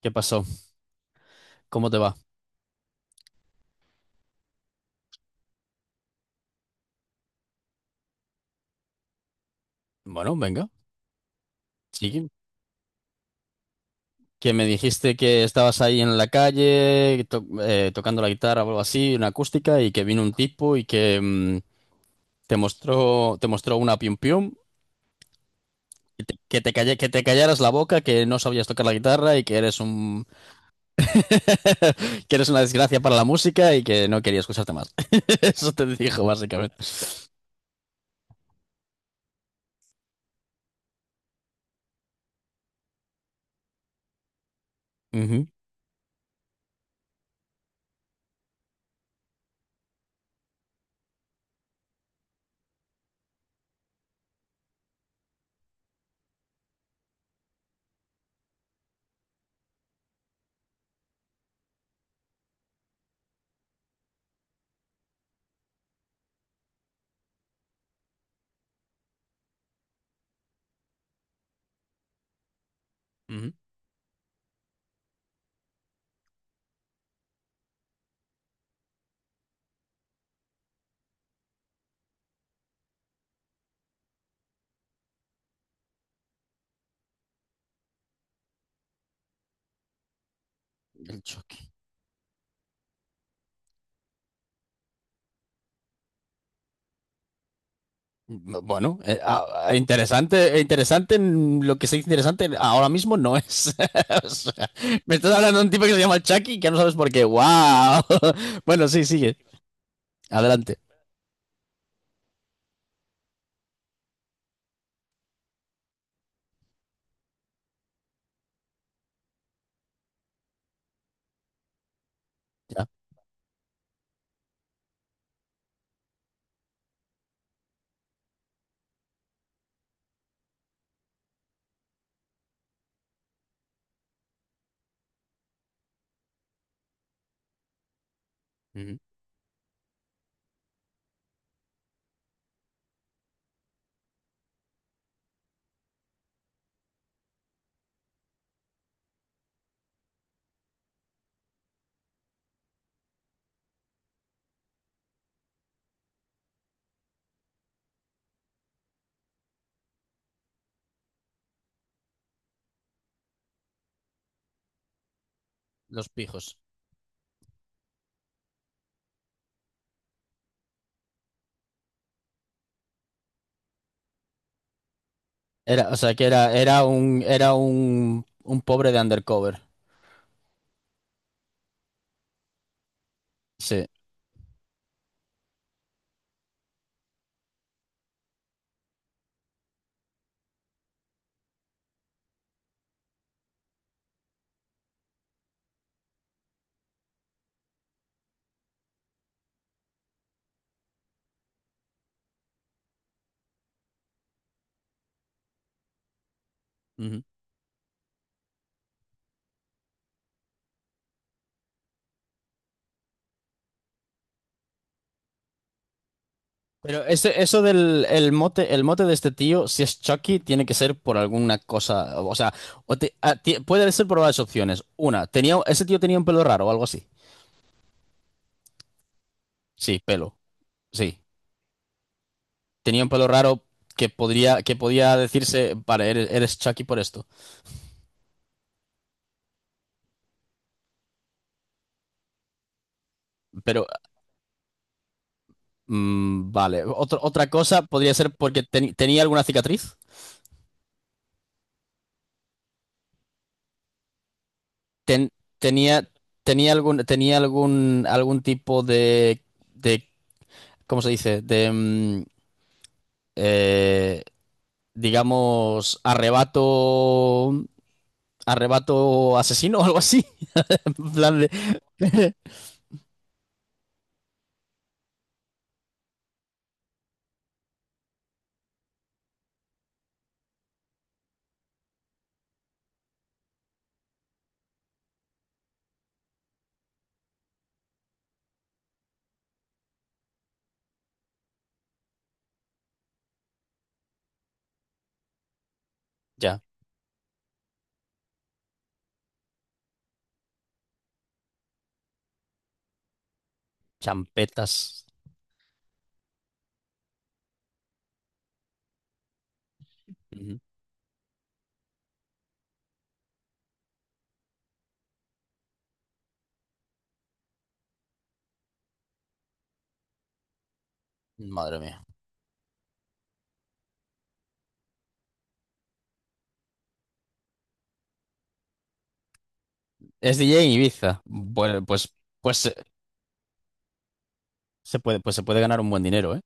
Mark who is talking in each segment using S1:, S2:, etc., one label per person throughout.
S1: ¿Qué pasó? ¿Cómo te va? Bueno, venga. Sí, que me dijiste que estabas ahí en la calle tocando la guitarra o algo así, una acústica, y que vino un tipo y que te mostró una pium pium, y que te callaras la boca, que no sabías tocar la guitarra y que eres un que eres una desgracia para la música y que no quería escucharte más. Eso te dijo básicamente. Ujú, ujú. Bueno, interesante, interesante, en lo que sea interesante ahora mismo no es. O sea, me estás hablando de un tipo que se llama Chucky y que no sabes por qué. ¡Wow! Bueno, sí, sigue. Adelante. Ya. Ujú. Los pijos. Era, o sea, que era un pobre de undercover. Sí. Ujú. Pero eso del el mote de este tío, si es Chucky, tiene que ser por alguna cosa. O sea, o te- a- ti- puede ser por varias opciones. Una, ese tío tenía un pelo raro o algo así. Sí, pelo. Sí. Tenía un pelo raro que podía decirse, vale, eres Chucky por esto. Pero, vale. Otra otra cosa podría ser porque tenía alguna cicatriz. Ten- tenía, Tenía algún algún tipo de, de, ¿cómo se dice? De, eh, digamos, arrebato, arrebato asesino o algo así. En plan de... Ya, champetas. Ujú. Madre mía. Es DJ en Ibiza. Bueno, pues, se puede, pues se puede ganar un buen dinero, ¿eh?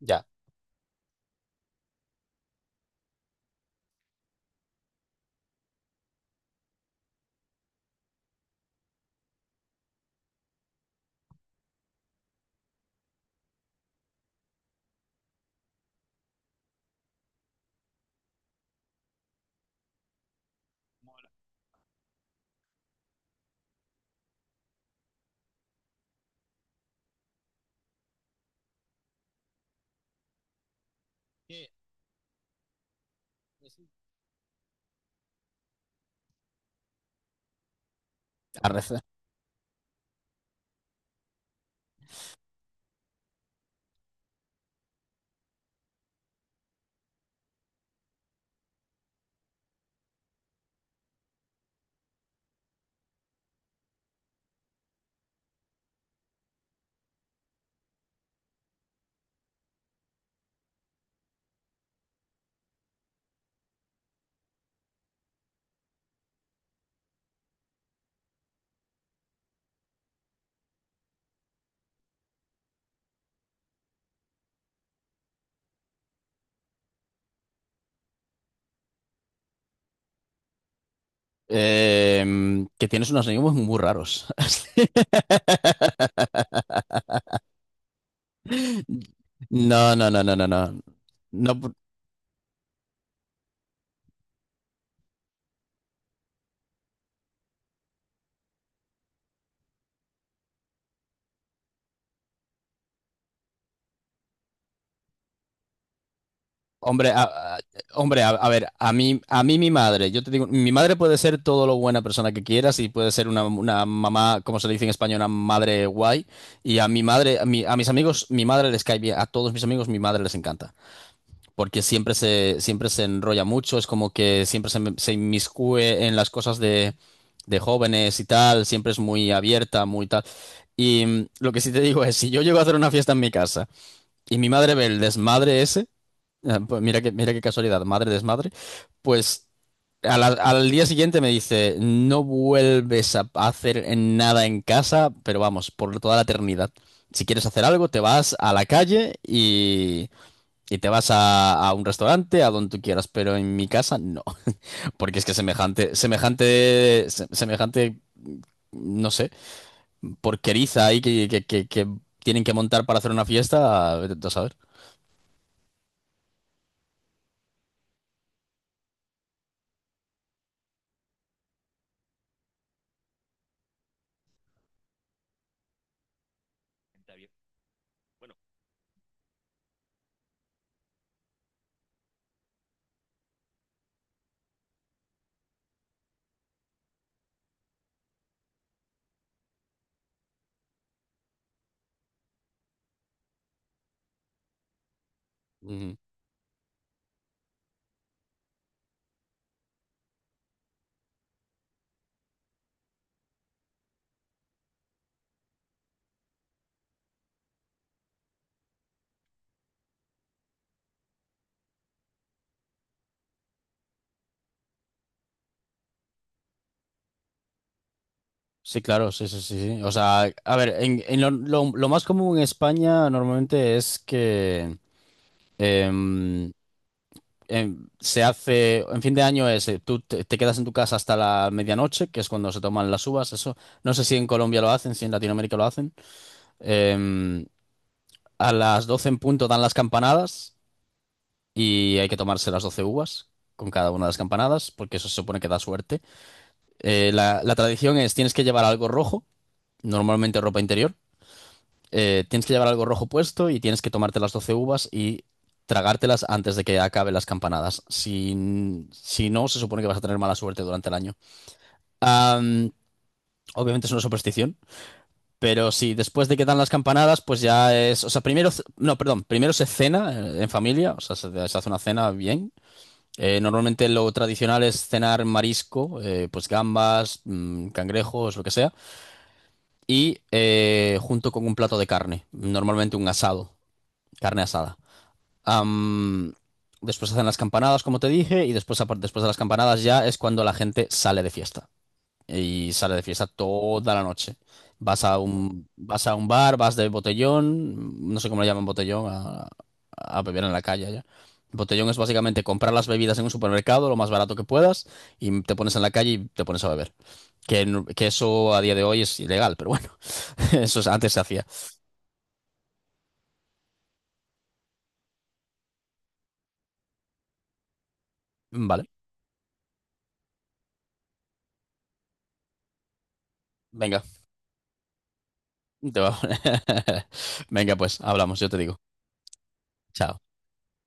S1: Ya. A rezar. Que tienes unos amigos muy raros. No, no, no, no, no, no. No, p- hombre, a, a- Hombre, a ver, a mí mi madre, yo te digo, mi madre puede ser todo lo buena persona que quieras y puede ser una mamá, como se le dice en España, una madre guay. Y a mi madre, a mis amigos, mi madre les cae bien, a todos mis amigos, mi madre les encanta. Porque siempre se enrolla mucho, es como que se inmiscuye en las cosas de jóvenes y tal, siempre es muy abierta, muy tal. Y lo que sí te digo es, si yo llego a hacer una fiesta en mi casa y mi madre ve el desmadre ese, pues mira que, mira qué casualidad, madre desmadre, pues al día siguiente me dice, no vuelves a hacer en nada en casa, pero vamos, por toda la eternidad. Si quieres hacer algo, te vas a la calle y te vas a un restaurante, a donde tú quieras, pero en mi casa no, porque es que semejante, no sé, porqueriza ahí que tienen que montar para hacer una fiesta, vete tú a saber. Ujú. Sí, claro, sí, sí, sí, sí. O sea, a ver, en lo, lo más común en España normalmente es que em, se hace, en fin de año es, tú te quedas en tu casa hasta la medianoche, que es cuando se toman las uvas, eso. No sé si en Colombia lo hacen, si en Latinoamérica lo hacen. Em, a las 12 en punto dan las campanadas y hay que tomarse las 12 uvas con cada una de las campanadas porque eso se supone que da suerte. La tradición es tienes que llevar algo rojo, normalmente ropa interior. Tienes que llevar algo rojo puesto y tienes que tomarte las 12 uvas y tragártelas antes de que acaben las campanadas. Si si no, se supone que vas a tener mala suerte durante el año. Am, Obviamente es una superstición. Pero sí, después de que dan las campanadas, pues ya es. O sea, primero. C- No, perdón. Primero se cena en familia. O sea, se hace una cena bien. Normalmente lo tradicional es cenar marisco, pues gambas, cangrejos, lo que sea. Y junto con un plato de carne. Normalmente un asado. Carne asada. Am, Después hacen las campanadas, como te dije. Y después, después de las campanadas ya es cuando la gente sale de fiesta y sales de fiesta toda la noche. Vas a vas a un bar, vas de botellón, no sé cómo le llaman botellón, a beber en la calle allá. Botellón es básicamente comprar las bebidas en un supermercado lo más barato que puedas y te pones en la calle y te pones a beber. Que, que eso a día de hoy es ilegal, pero bueno, eso es- antes se hacía. Vale, venga, te va- Venga, pues hablamos, yo te digo. Chao.